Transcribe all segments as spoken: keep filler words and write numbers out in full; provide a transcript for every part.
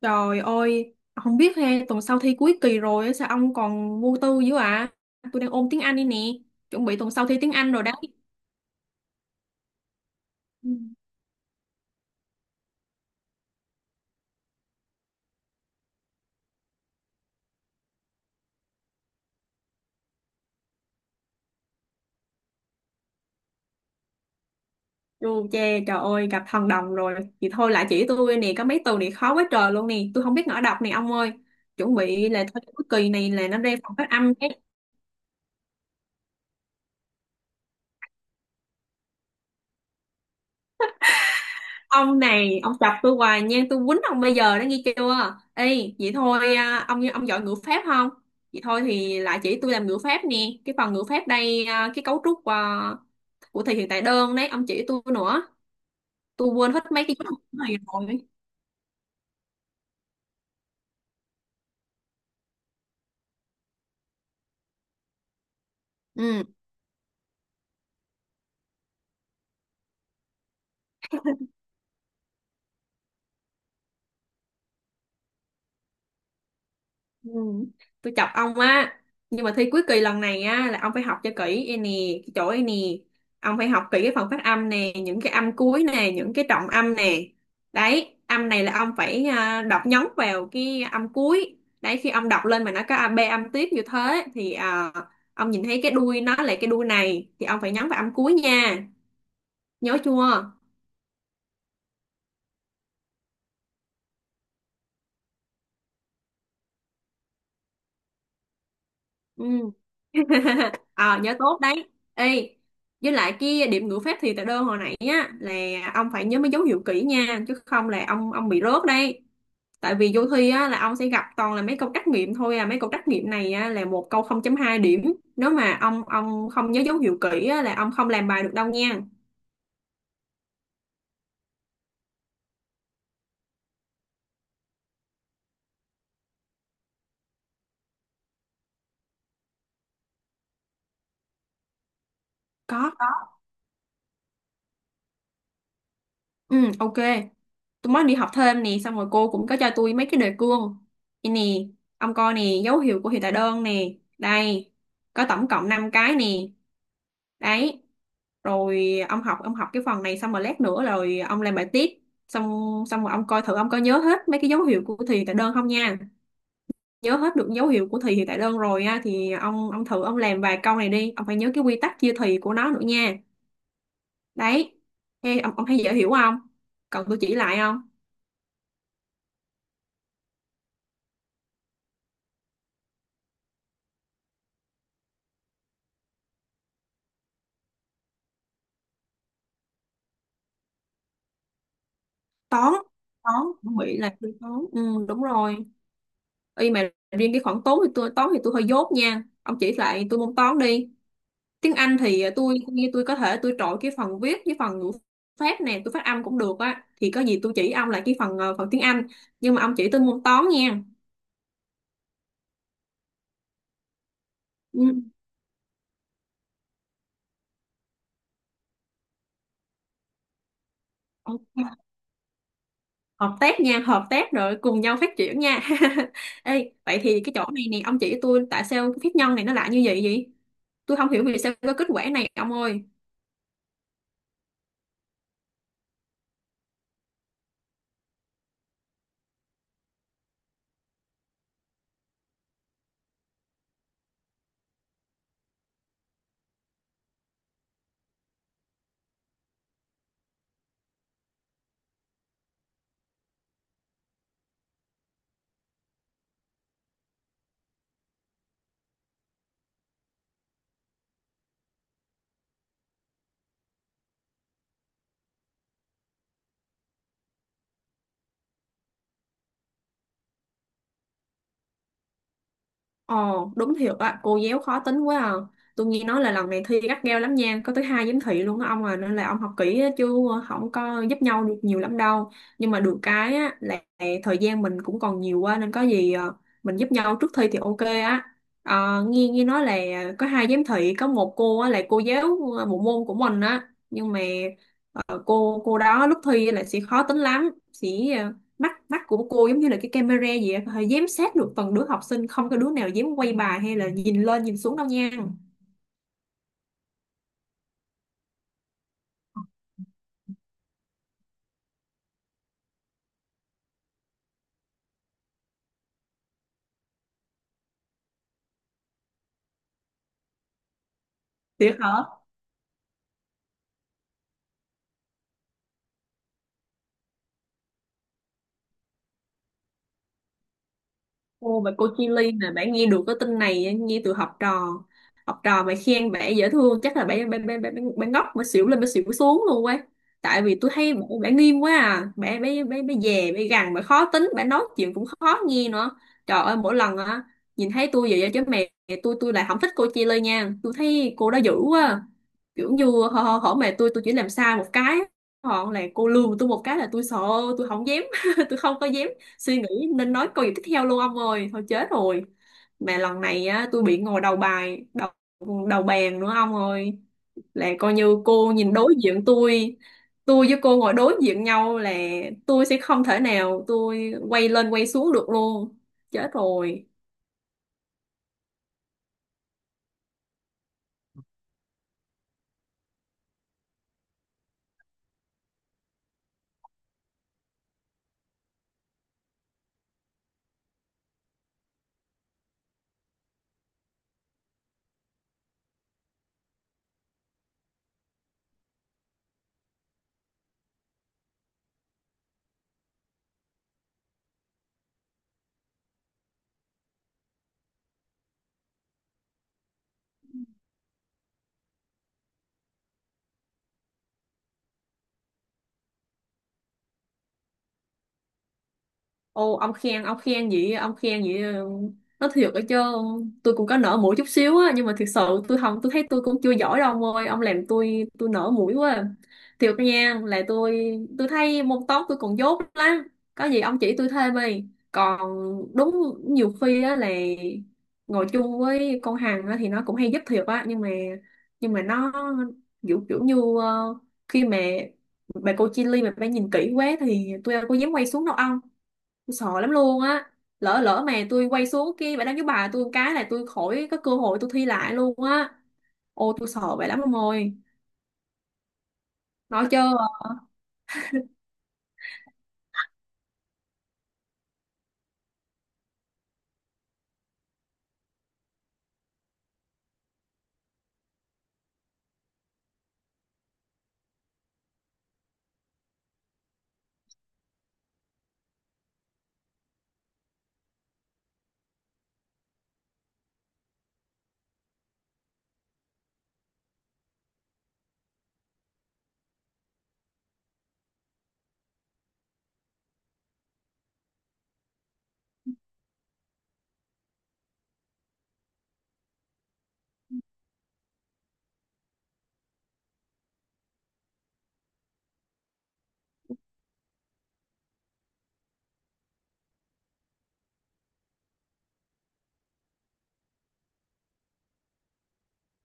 Trời ơi, không biết ha, tuần sau thi cuối kỳ rồi á, sao ông còn vô tư dữ ạ? À? Tôi đang ôn tiếng Anh đây nè, chuẩn bị tuần sau thi tiếng Anh rồi đấy. Ừ. Dù chê, trời ơi, gặp thần đồng rồi. Thì thôi lại chỉ tôi nè, có mấy từ này khó quá trời luôn nè, tôi không biết ngỏ đọc nè ông ơi. Chuẩn bị là thôi cuối kỳ này là nó ra phòng phát âm. Ông này ông chọc tôi hoài nha, tôi quýnh ông bây giờ đó nghe chưa. Ê, vậy thôi à, ông ông giỏi ngữ pháp không, vậy thôi thì lại chỉ tôi làm ngữ pháp nè, cái phần ngữ pháp đây à, cái cấu trúc à, của thì hiện tại đơn đấy, ông chỉ tôi nữa. Tôi quên hết mấy cái cấu trúc này rồi. Ừ. Ừ. Tôi chọc ông á, nhưng mà thi cuối kỳ lần này á là ông phải học cho kỹ e nè, cái chỗ e nè, ông phải học kỹ cái phần phát âm nè, những cái âm cuối nè, những cái trọng âm nè. Đấy, âm này là ông phải à, đọc nhấn vào cái âm cuối đấy, khi ông đọc lên mà nó có a b âm tiếp như thế thì à, ông nhìn thấy cái đuôi nó là cái đuôi này thì ông phải nhấn vào âm cuối nha. Nhớ chưa? Ừ. ờ nhớ tốt đấy. Ê, với lại cái điểm ngữ pháp thì tại đơn hồi nãy á là ông phải nhớ mấy dấu hiệu kỹ nha, chứ không là ông ông bị rớt đấy. Tại vì vô thi á là ông sẽ gặp toàn là mấy câu trắc nghiệm thôi à, mấy câu trắc nghiệm này á, là một câu không phẩy hai điểm. Nếu mà ông ông không nhớ dấu hiệu kỹ á, là ông không làm bài được đâu nha. Có, có. Ừ, ok. Tôi mới đi học thêm nè, xong rồi cô cũng có cho tôi mấy cái đề cương đây nè, ông coi nè, dấu hiệu của hiệu tại đơn nè, đây có tổng cộng năm cái nè. Đấy, rồi ông học, ông học cái phần này xong rồi lát nữa rồi ông làm bài tiếp. Xong xong rồi ông coi thử ông có nhớ hết mấy cái dấu hiệu của thì tại đơn không nha. Nhớ hết được dấu hiệu của thì hiệu tạ đơn rồi á thì ông ông thử ông làm vài câu này đi, ông phải nhớ cái quy tắc chia thì của nó nữa nha. Đấy. Ê, ông, ông thấy dễ hiểu không? Cần tôi chỉ lại không? Toán toán tôi nghĩ là tôi toán, ừ, đúng rồi. Y mà riêng cái khoản toán thì tôi toán thì tôi hơi dốt nha, ông chỉ lại tôi môn toán đi. Tiếng Anh thì à, tôi như tôi có thể tôi trội cái phần viết với phần ngữ pháp nè, tôi phát âm cũng được á thì có gì tôi chỉ ông lại cái phần ờ, phần tiếng Anh, nhưng mà ông chỉ tôi môn toán nha. Ừ. Ok. Hợp tác nha, hợp tác rồi cùng nhau phát triển nha. Ê, vậy thì cái chỗ này nè ông chỉ tôi tại sao cái phép nhân này nó lại như vậy vậy, tôi không hiểu vì sao có kết quả này ông ơi. Ồ, đúng thiệt á, cô giáo khó tính quá à. Tôi nghe nói là lần này thi gắt gao lắm nha, có tới hai giám thị luôn đó ông à, nên là ông học kỹ á, chứ không có giúp nhau được nhiều lắm đâu. Nhưng mà được cái á, là thời gian mình cũng còn nhiều quá nên có gì ờ, mình giúp nhau trước thi thì ok á. Ờ, nghe nghe nói là có hai giám thị, có một cô á, là cô giáo ờ, bộ môn của mình á, nhưng mà ờ, cô cô đó lúc thi là sẽ khó tính lắm, sẽ ờ, mắt mắt của cô giống như là cái camera gì á, có giám sát được từng đứa học sinh, không có đứa nào dám quay bài hay là nhìn lên nhìn xuống đâu nha. Thiệt hả? Cô và cô Chi Ly nè, bạn nghe được cái tin này á, nghe từ học trò. Học trò mà khen bạn dễ thương chắc là bạn bạn bạn bạn, bạn ngốc mà xỉu lên mà xỉu xuống luôn quá. Tại vì tôi thấy bạn, bạn nghiêm quá à, bạn bạn bạn bạn dè, bạn gằn, bạn khó tính, bạn nói chuyện cũng khó nghe nữa. Trời ơi, mỗi lần á nhìn thấy tôi vậy á, chứ mẹ. Tôi tôi lại không thích cô Chi Ly nha, tôi thấy cô đó dữ quá. Kiểu như hở, hở hở mẹ, tôi tôi chỉ làm sai một cái, họ là cô lường tôi một cái là tôi sợ, tôi không dám tôi không có dám suy nghĩ nên nói câu gì tiếp theo luôn ông ơi, thôi chết rồi. Mà lần này á tôi bị ngồi đầu bài đầu đầu bàn nữa ông ơi, là coi như cô nhìn đối diện tôi tôi với cô ngồi đối diện nhau là tôi sẽ không thể nào tôi quay lên quay xuống được luôn. Chết rồi. Ô, ông khen ông khen vậy ông khen vậy, ừ, nó thiệt ở chứ, tôi cũng có nở mũi chút xíu á, nhưng mà thiệt sự tôi không tôi thấy tôi cũng chưa giỏi đâu ông ơi, ông làm tôi tôi nở mũi quá. Thiệt nha là tôi tôi thấy môn toán tôi còn dốt lắm, có gì ông chỉ tôi thêm đi. Còn đúng, nhiều khi á là ngồi chung với con Hằng á thì nó cũng hay giúp thiệt á, nhưng mà nhưng mà nó kiểu kiểu như ờ, khi mà bà cô Chi Ly mà bà nhìn kỹ quá thì tôi đâu có dám quay xuống đâu ông. Tôi sợ lắm luôn á, lỡ lỡ mà tôi quay xuống kia bài đăng với bà tôi một cái là tôi khỏi có cơ hội tôi thi lại luôn á, ôi tôi sợ vậy lắm ông ơi. Nói chứ.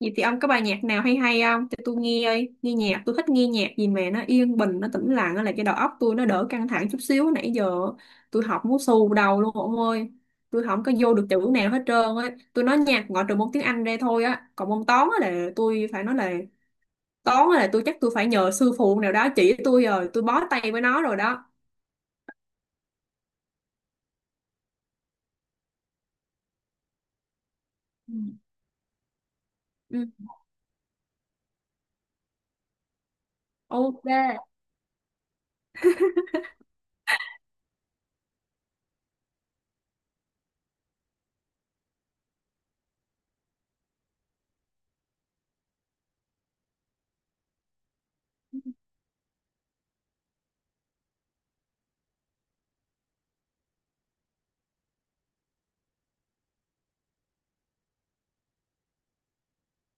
Vậy thì ông có bài nhạc nào hay hay không cho tôi nghe ơi? Nghe nhạc tôi thích nghe nhạc gì mà nó yên bình, nó tĩnh lặng, nó là cho đầu óc tôi nó đỡ căng thẳng chút xíu, nãy giờ tôi học muốn xù đầu luôn ông ơi. Tôi không có vô được chữ nào hết trơn á, tôi nói nhạc ngoại trừ môn tiếng Anh ra thôi á, còn môn toán á là tôi phải nói là toán là tôi chắc tôi phải nhờ sư phụ nào đó chỉ tôi, rồi tôi bó tay với nó rồi đó. Ừ. Ừ. Ok.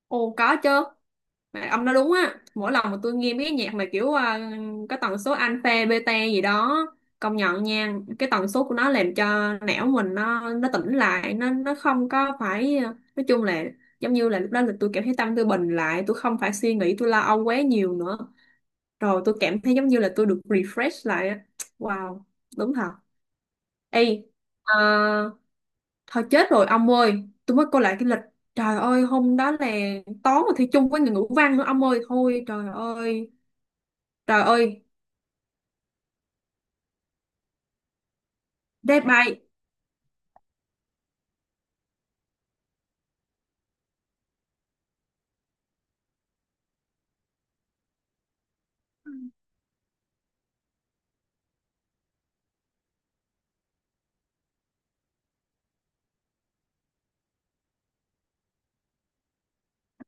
Ồ có chứ, mà ông nói đúng á, mỗi lần mà tôi nghe mấy cái nhạc mà kiểu à, có tần số alpha beta gì đó, công nhận nha, cái tần số của nó làm cho não mình nó nó tỉnh lại, nó nó không có phải ờ, nói chung là giống như là lúc đó là tôi cảm thấy tâm tôi bình lại, tôi không phải suy nghĩ, tôi lo âu quá nhiều nữa, rồi tôi cảm thấy giống như là tôi được refresh lại á. Wow, đúng thật. Ê, à, thôi chết rồi ông ơi, tôi mới coi lại cái lịch. Trời ơi, hôm đó là toán mà thi chung với người ngữ văn nữa ông ơi. Thôi trời ơi, trời ơi, deadline.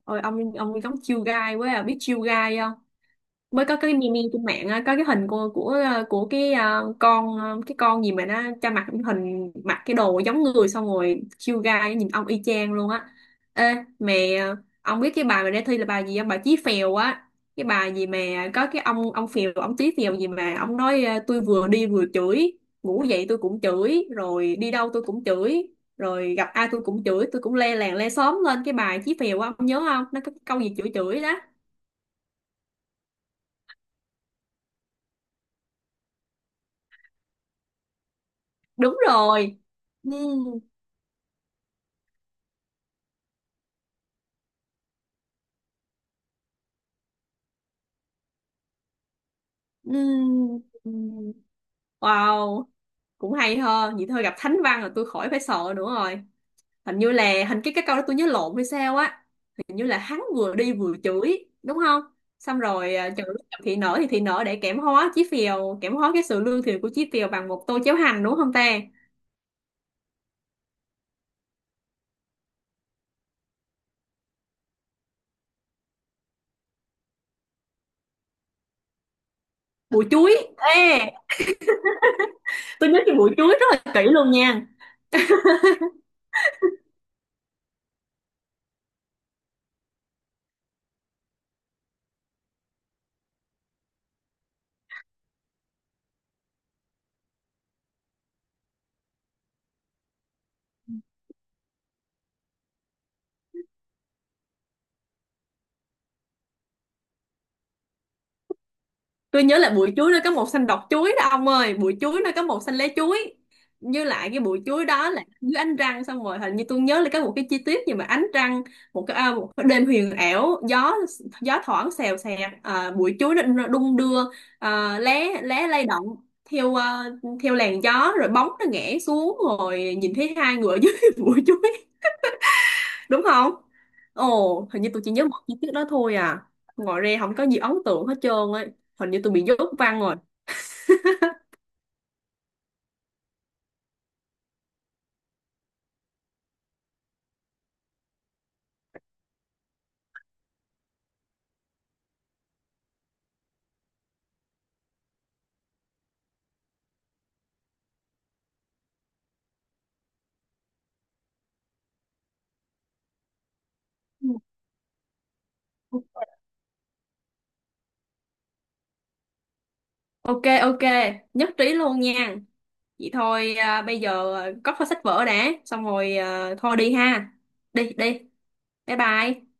Ôi, ông ông giống chiêu gai quá à, biết chiêu gai mới có cái meme trên mạng á, có cái hình của của ờ, của cái ờ, con ờ, cái con gì mà nó cho mặt hình mặc cái đồ giống người, xong rồi chiêu gai nhìn ông y chang luôn á. Ê mẹ, ông biết cái bài mà để thi là bài gì không? Bài Chí Phèo á, cái bài gì mà có cái ông ông Phèo ông Chí Phèo gì mà ông nói ờ, tôi vừa đi vừa chửi, ngủ dậy tôi cũng chửi, rồi đi đâu tôi cũng chửi, rồi gặp ai tôi cũng chửi, tôi cũng le làng le xóm lên. Cái bài Chí Phèo á, ông nhớ không, nó có cái câu gì chửi chửi đó. Đúng rồi. Ừ, ừ, ừ. Wow, cũng hay ho vậy thôi, gặp thánh văn là tôi khỏi phải sợ nữa rồi. Hình như là hình cái cái câu đó tôi nhớ lộn hay sao á, hình như là hắn vừa đi vừa chửi đúng không, xong rồi à, chửi gặp thị nở thì thị nở để kẽm hóa chí phèo, kẽm hóa cái sự lương thiện của chí phèo bằng một tô cháo hành đúng không ta. Bùi chuối, ê tôi nhớ cái bùi chuối rất là kỹ luôn nha. Tôi nhớ là bụi chuối nó có màu xanh đọt chuối đó ông ơi, bụi chuối nó có màu xanh lá chuối, như lại cái bụi chuối đó là dưới ánh trăng, xong rồi hình như tôi nhớ là có một cái chi tiết gì mà ánh trăng, một cái à, một cái đêm huyền ảo, gió gió thoảng xèo xèo à, bụi chuối nó nó đung đưa à, lá lá lay động theo à, theo làn gió rồi bóng nó ngã xuống rồi nhìn thấy hai người ở dưới bụi chuối đúng không. Ồ hình như tôi chỉ nhớ một chi tiết đó thôi à, ngoài ra không có gì ấn tượng hết trơn ấy, hình như tôi bị dốt văn rồi. Ok ok, nhất trí luôn nha. Vậy thôi à, bây giờ à, cất vào sách vở đã, xong rồi à, thôi đi ha. Đi đi. Bye bye.